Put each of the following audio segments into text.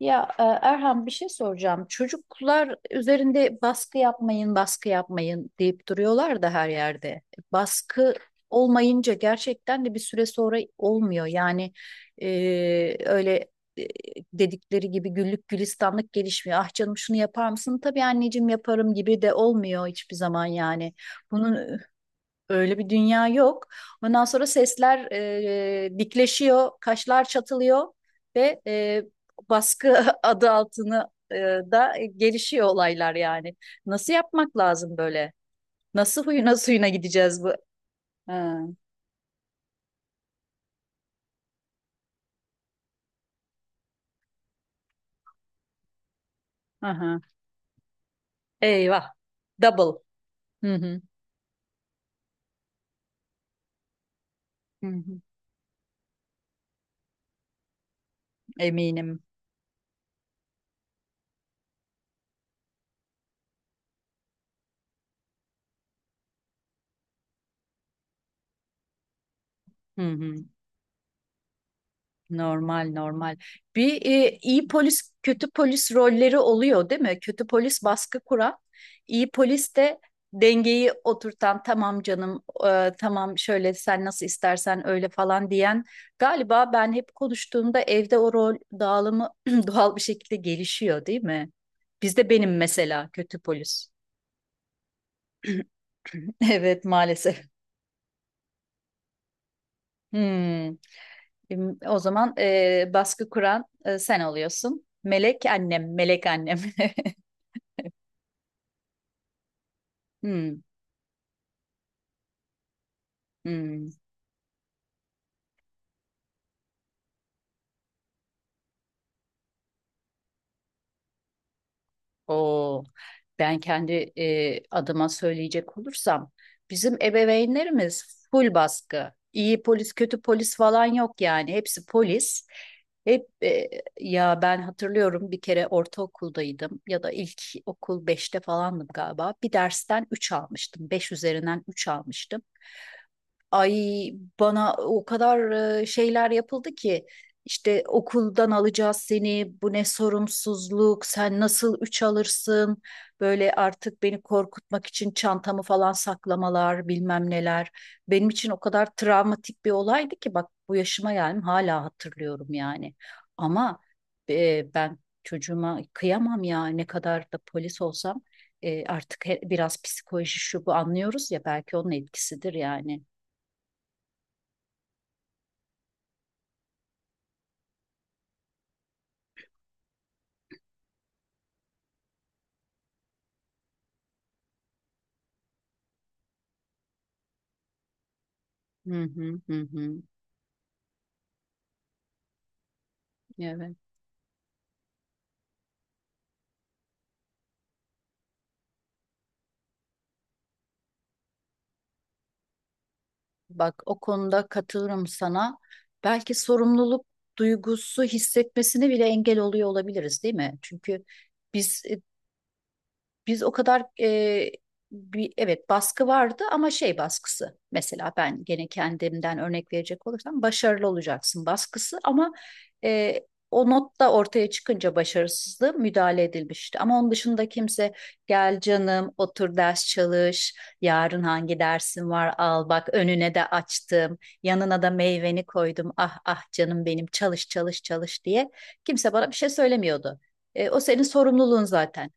Erhan, bir şey soracağım. Çocuklar üzerinde baskı yapmayın, baskı yapmayın deyip duruyorlar da her yerde. Baskı olmayınca gerçekten de bir süre sonra olmuyor. Yani e, öyle e, dedikleri gibi güllük gülistanlık gelişmiyor. Ah canım, şunu yapar mısın? Tabii anneciğim, yaparım gibi de olmuyor hiçbir zaman yani. Bunun Öyle bir dünya yok. Ondan sonra sesler dikleşiyor, kaşlar çatılıyor ve baskı adı altını e, da gelişiyor olaylar yani. Nasıl yapmak lazım böyle? Nasıl huyuna suyuna gideceğiz bu? Ha, aha. Eyvah. Double. Hı hı. Hı hı. Eminim. Hı hı. Normal normal. İyi polis kötü polis rolleri oluyor değil mi? Kötü polis baskı kuran, iyi polis de dengeyi oturtan, tamam canım, tamam şöyle sen nasıl istersen öyle falan diyen, galiba ben hep konuştuğumda evde o rol dağılımı doğal bir şekilde gelişiyor değil mi? Bizde benim mesela kötü polis. Evet, maalesef. Hmm. O zaman baskı kuran sen oluyorsun. Melek annem, melek annem. Hmm, hmm. O ben kendi adıma söyleyecek olursam bizim ebeveynlerimiz full baskı. İyi polis, kötü polis falan yok yani. Hepsi polis. Hep e, Ya ben hatırlıyorum, bir kere ortaokuldaydım ya da ilk okul beşte falandım galiba. Bir dersten 3 almıştım. Beş üzerinden 3 almıştım. Ay, bana o kadar şeyler yapıldı ki, işte okuldan alacağız seni, bu ne sorumsuzluk, sen nasıl üç alırsın, böyle artık beni korkutmak için çantamı falan saklamalar, bilmem neler. Benim için o kadar travmatik bir olaydı ki, bak bu yaşıma geldim hala hatırlıyorum yani. Ama ben çocuğuma kıyamam ya, ne kadar da polis olsam. E, artık biraz psikoloji şu bu anlıyoruz ya, belki onun etkisidir yani. Hı hı hı hı. Evet. Bak, o konuda katılırım sana. Belki sorumluluk duygusu hissetmesini bile engel oluyor olabiliriz, değil mi? Çünkü biz e, Biz o kadar, evet, baskı vardı ama şey baskısı, mesela ben gene kendimden örnek verecek olursam, başarılı olacaksın baskısı. Ama e, o not da ortaya çıkınca başarısızlığı müdahale edilmişti. Ama onun dışında kimse gel canım otur ders çalış, yarın hangi dersin var, al bak önüne de açtım, yanına da meyveni koydum, ah ah canım benim çalış çalış çalış diye kimse bana bir şey söylemiyordu. E, o senin sorumluluğun zaten.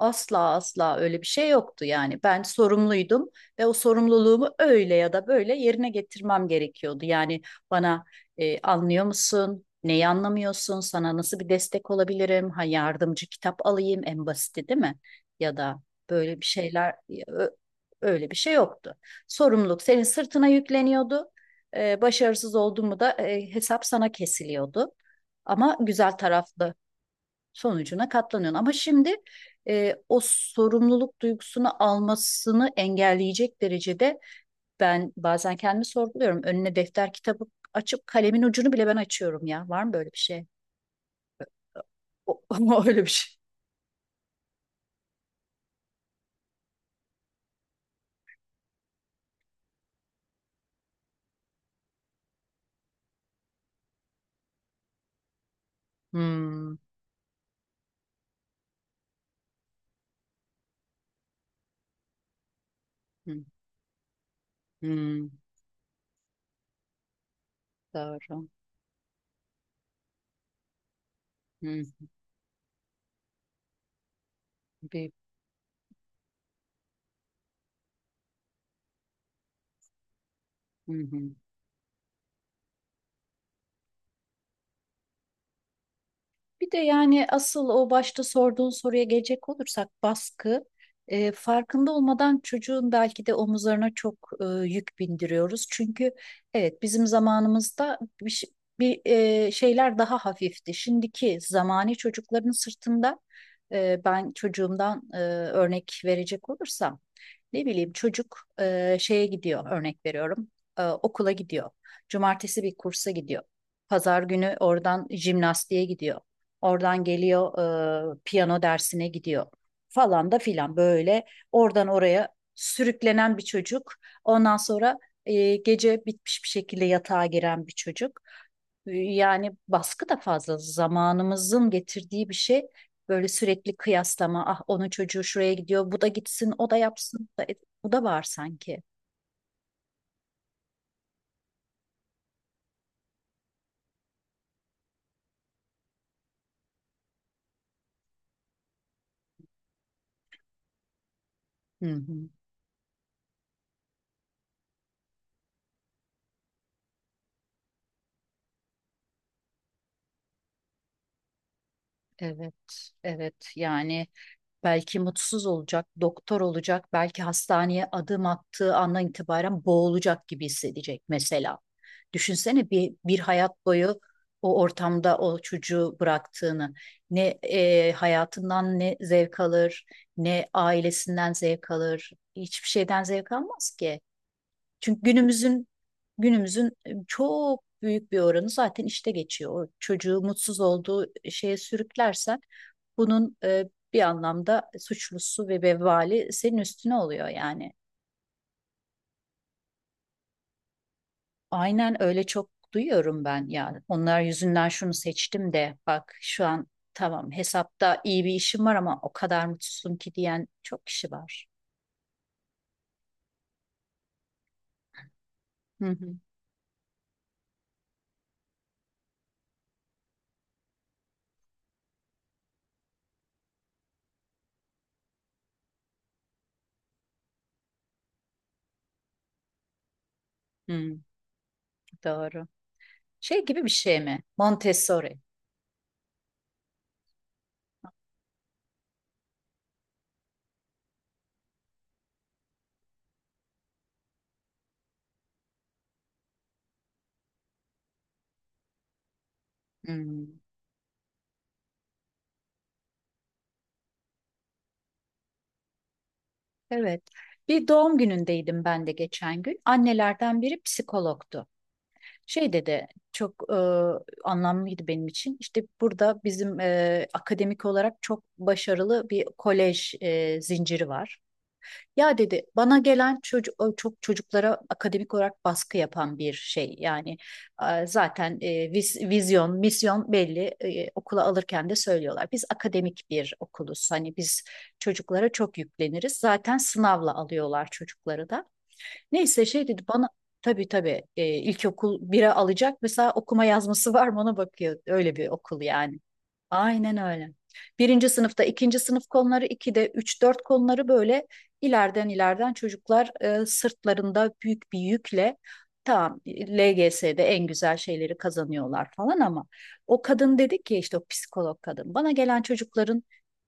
Asla asla öyle bir şey yoktu yani. Ben sorumluydum ve o sorumluluğumu öyle ya da böyle yerine getirmem gerekiyordu. Yani bana anlıyor musun? Neyi anlamıyorsun? Sana nasıl bir destek olabilirim? Ha, yardımcı kitap alayım, en basiti, değil mi? Ya da böyle bir şeyler, ö- öyle bir şey yoktu. Sorumluluk senin sırtına yükleniyordu. Başarısız oldun mu da hesap sana kesiliyordu. Ama güzel taraflı, sonucuna katlanıyorsun. Ama şimdi o sorumluluk duygusunu almasını engelleyecek derecede ben bazen kendimi sorguluyorum. Önüne defter kitabı açıp kalemin ucunu bile ben açıyorum ya. Var mı böyle bir şey? O, öyle bir şey. Hı hı, hı. Bir de yani asıl o başta sorduğun soruya gelecek olursak, baskı farkında olmadan çocuğun belki de omuzlarına çok yük bindiriyoruz. Çünkü evet, bizim zamanımızda bir, ş- bir, e, şeyler daha hafifti. Şimdiki zamani çocukların sırtında. Ben çocuğumdan örnek verecek olursam, ne bileyim, çocuk şeye gidiyor, örnek veriyorum, okula gidiyor. Cumartesi bir kursa gidiyor. Pazar günü oradan jimnastiğe gidiyor. Oradan geliyor, piyano dersine gidiyor, falan da filan, böyle oradan oraya sürüklenen bir çocuk. Ondan sonra gece bitmiş bir şekilde yatağa giren bir çocuk. Yani baskı da fazla zamanımızın getirdiği bir şey. Böyle sürekli kıyaslama, ah onun çocuğu şuraya gidiyor, bu da gitsin, o da yapsın, bu da, bu da var sanki. Hı hı. Evet, evet yani, belki mutsuz olacak, doktor olacak, belki hastaneye adım attığı andan itibaren boğulacak gibi hissedecek mesela. Düşünsene bir, bir hayat boyu o ortamda o çocuğu bıraktığını. Ne hayatından ne zevk alır, ne ailesinden zevk alır. Hiçbir şeyden zevk almaz ki. Çünkü günümüzün çok büyük bir oranı zaten işte geçiyor. O çocuğu mutsuz olduğu şeye sürüklersen bunun bir anlamda suçlusu ve vebali senin üstüne oluyor yani. Aynen öyle, çok duyuyorum ben ya. Onlar yüzünden şunu seçtim de bak şu an, tamam hesapta iyi bir işim var ama o kadar mutsuzum ki diyen çok kişi var. Hı hı. Hı, doğru. Şey gibi bir şey mi? Montessori. Hmm, evet. Bir doğum günündeydim ben de geçen gün. Annelerden biri psikologtu. Şey dedi, çok anlamlıydı benim için. İşte burada bizim akademik olarak çok başarılı bir kolej zinciri var. Ya dedi, bana gelen çocuk çok, çocuklara akademik olarak baskı yapan bir şey. Yani zaten vizyon, misyon belli. E, okula alırken de söylüyorlar. Biz akademik bir okuluz, hani biz çocuklara çok yükleniriz. Zaten sınavla alıyorlar çocukları da. Neyse, şey dedi bana, tabii tabii, ilkokul bire alacak mesela, okuma yazması var mı ona bakıyor. Öyle bir okul yani. Aynen öyle. Birinci sınıfta ikinci sınıf konuları, ikide üç dört konuları, böyle ileriden ileriden çocuklar, sırtlarında büyük bir yükle tamam LGS'de en güzel şeyleri kazanıyorlar falan ama, o kadın dedi ki, işte o psikolog kadın, bana gelen çocukların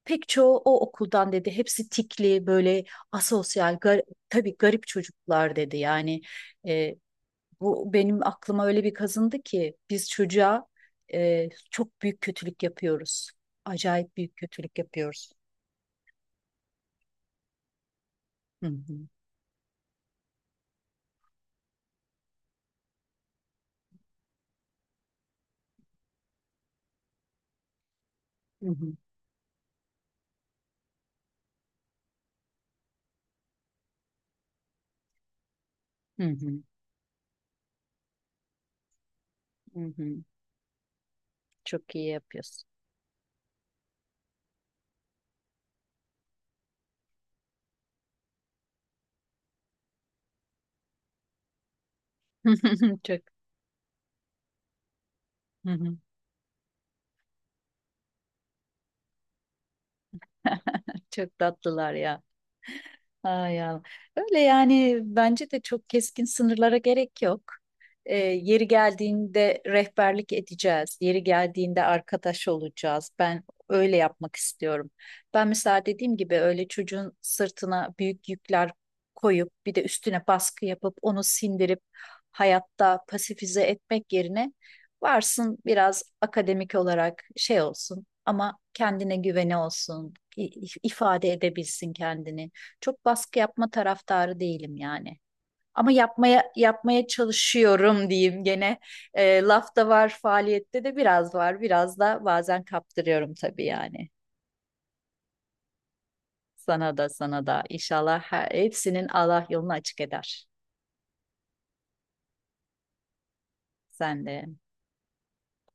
pek çoğu o okuldan dedi, hepsi tikli böyle, asosyal, tabii garip çocuklar dedi. Yani e, bu benim aklıma öyle bir kazındı ki biz çocuğa çok büyük kötülük yapıyoruz. Acayip büyük kötülük yapıyoruz. Hı hı, hı hı, hı hı, hı hı. Çok iyi yapıyorsun. Çok, hı hı. Çok tatlılar ya. Ay Allah. Öyle yani, bence de çok keskin sınırlara gerek yok. Yeri geldiğinde rehberlik edeceğiz. Yeri geldiğinde arkadaş olacağız. Ben öyle yapmak istiyorum. Ben mesela dediğim gibi, öyle çocuğun sırtına büyük yükler koyup bir de üstüne baskı yapıp onu sindirip hayatta pasifize etmek yerine, varsın biraz akademik olarak şey olsun ama kendine güveni olsun, ifade edebilsin kendini, çok baskı yapma taraftarı değilim yani. Ama yapmaya yapmaya çalışıyorum diyeyim gene. E, lafta var, faaliyette de biraz var. Biraz da bazen kaptırıyorum tabii yani. Sana da, sana da inşallah, her, hepsinin Allah yolunu açık eder. Sen de.